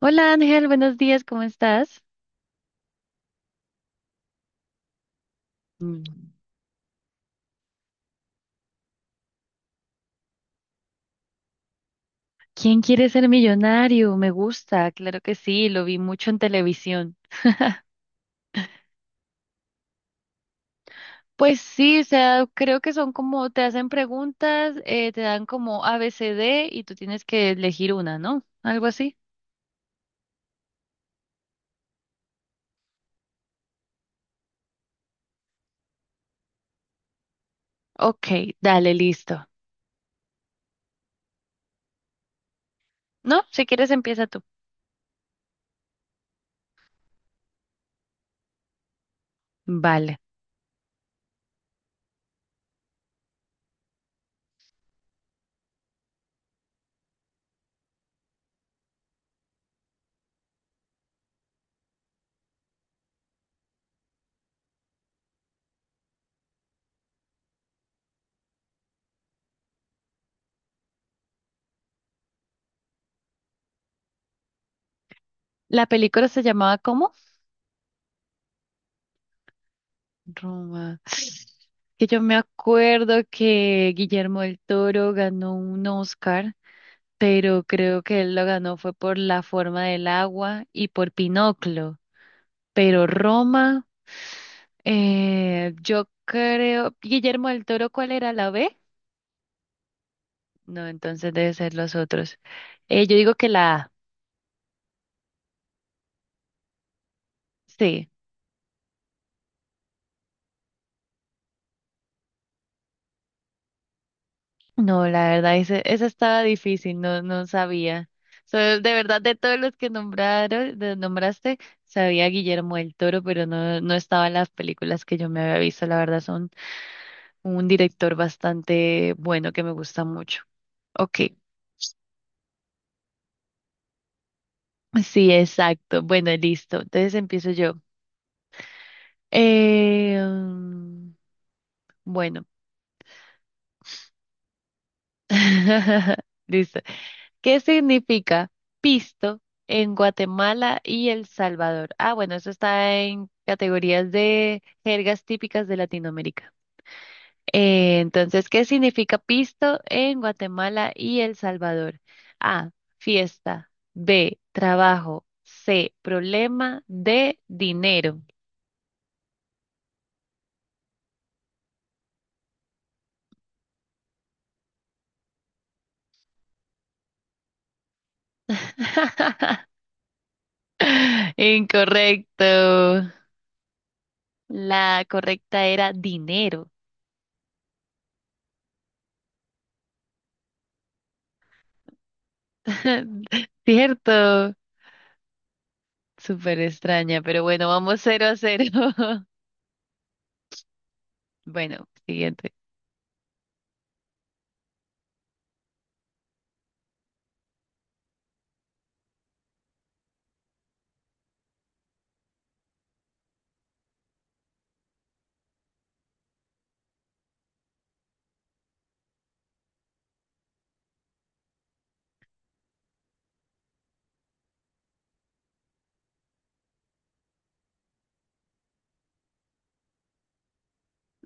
Hola Ángel, buenos días, ¿cómo estás? Mm. ¿Quién quiere ser millonario? Me gusta, claro que sí, lo vi mucho en televisión. Pues sí, o sea, creo que son como, te hacen preguntas, te dan como A B C D y tú tienes que elegir una, ¿no? Algo así. Ok, dale, listo. ¿No? Si quieres empieza tú. Vale. ¿La película se llamaba cómo? Roma. Que yo me acuerdo que Guillermo del Toro ganó un Oscar, pero creo que él lo ganó fue por la forma del agua y por Pinocchio. Pero Roma, yo creo, Guillermo del Toro, ¿cuál era la B? No, entonces debe ser los otros. Yo digo que la A, sí. No, la verdad, esa estaba difícil, no, no sabía. So, de verdad, de todos los que nombraron, nombraste, sabía Guillermo del Toro, pero no, no estaba en las películas que yo me había visto, la verdad, son un director bastante bueno que me gusta mucho. Ok, sí, exacto. Bueno, listo. Entonces empiezo yo. Eh, mm, bueno, listo. ¿Qué significa pisto en Guatemala y El Salvador? Ah, bueno, eso está en categorías de jergas típicas de Latinoamérica. Entonces, ¿qué significa pisto en Guatemala y El Salvador? A, fiesta. B, trabajo. C, problema. D, dinero. Incorrecto. La correcta era dinero. Cierto. Súper extraña, pero bueno, vamos cero a cero. Bueno, siguiente.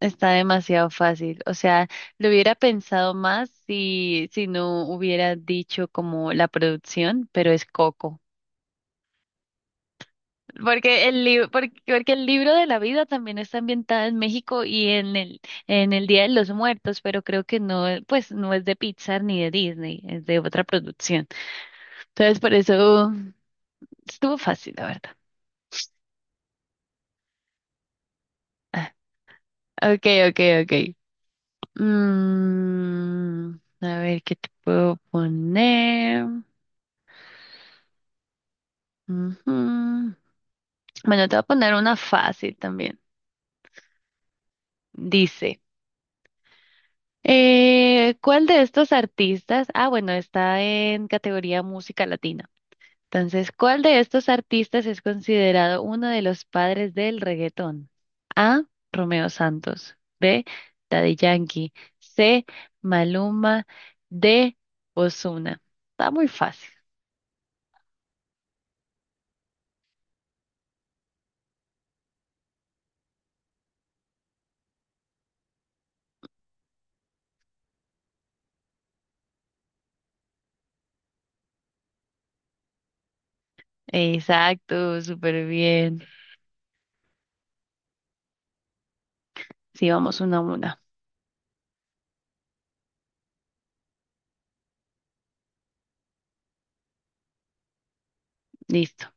Está demasiado fácil. O sea, lo hubiera pensado más si no hubiera dicho como la producción, pero es Coco. Porque el libro, porque el libro de la vida también está ambientado en México y en el Día de los Muertos, pero creo que no, pues no es de Pixar ni de Disney, es de otra producción. Entonces, por eso estuvo fácil, la verdad. Ah, okay, okay, okay. Mm, a ver, ¿qué te puedo poner? Ujú. Bueno, te voy a poner una fácil también. Dice, ¿cuál de estos artistas? Ah, bueno, está en categoría música latina. Entonces, ¿cuál de estos artistas es considerado uno de los padres del reggaetón? A. Romeo Santos. B. Daddy Yankee. C. Maluma. D. Ozuna. Está muy fácil. Exacto, súper bien. Sí, vamos una a una. Listo.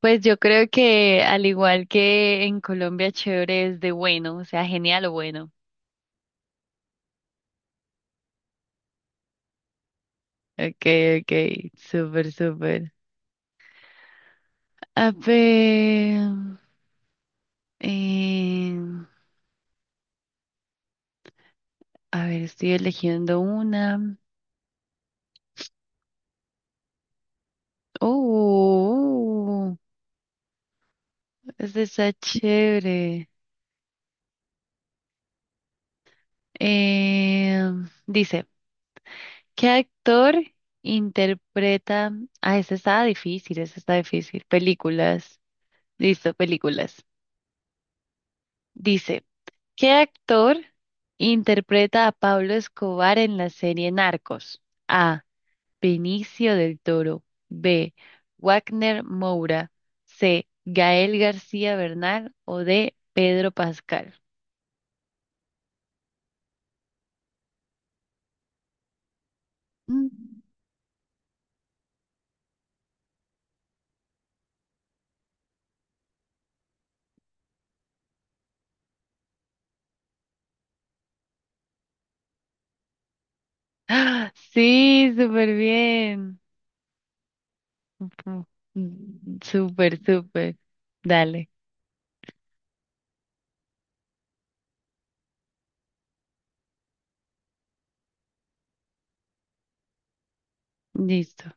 Pues yo creo que al igual que en Colombia, chévere es de bueno, o sea, genial o bueno. Okay, okay, súper, súper. A ver, eh, a ver, estoy eligiendo una. Oh, esta está chévere. Eh, dice, ¿qué actor interpreta? Ah, esta está difícil, esta está difícil. Películas. Listo, películas. Dice, ¿qué actor interpreta a Pablo Escobar en la serie Narcos? A. Benicio del Toro. B. Wagner Moura. C. Gael García Bernal. O D. Pedro Pascal. Mm. ¡Ah! Sí, súper bien. Ujú. Mm, súper, súper. Dale, listo.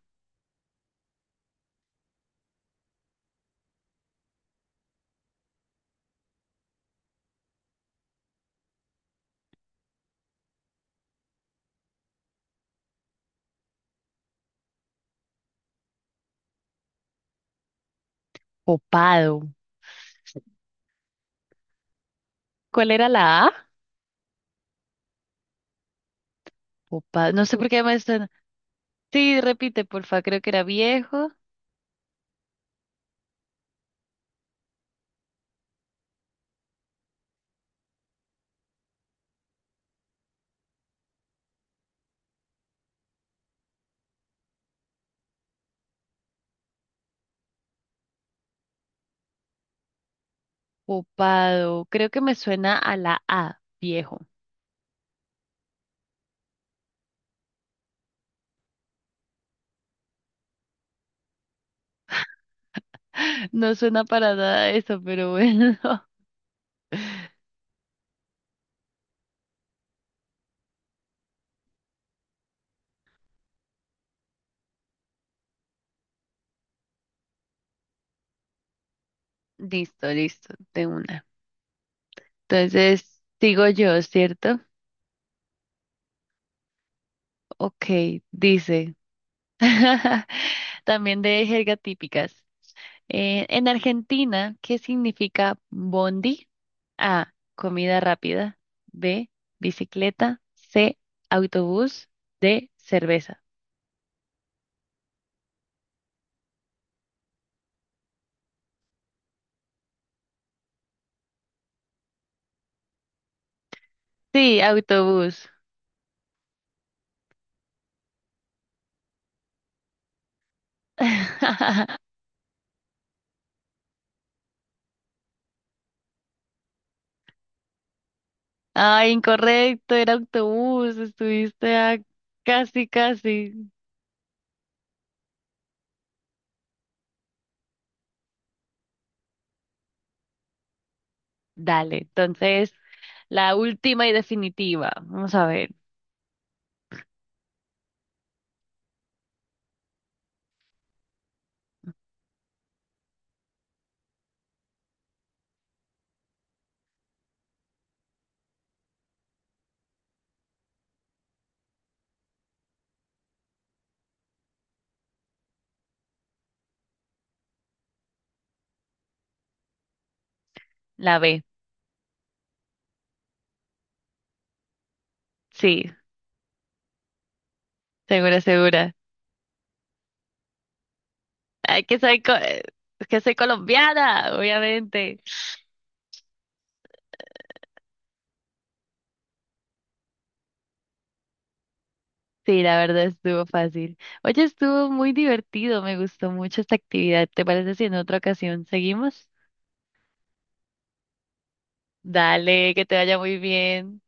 Popado. ¿Cuál era la A? Popado. No sé por qué me suena. Sí, repite, porfa. Creo que era viejo. Copado. Creo que me suena a la A, viejo. No suena para nada eso, pero bueno. Listo, listo, de una. Entonces, sigo yo, ¿cierto? Ok, dice. También de jerga típicas. En Argentina, ¿qué significa bondi? A, comida rápida. B, bicicleta. C, autobús. D, cerveza. Sí, autobús. Ay, incorrecto, era autobús, estuviste a casi, casi. Dale, entonces la última y definitiva. Vamos a ver, la B. Sí, segura, segura. Ay, que soy colombiana, obviamente. Sí, la verdad estuvo fácil. Oye, estuvo muy divertido, me gustó mucho esta actividad. ¿Te parece si en otra ocasión seguimos? Dale, que te vaya muy bien.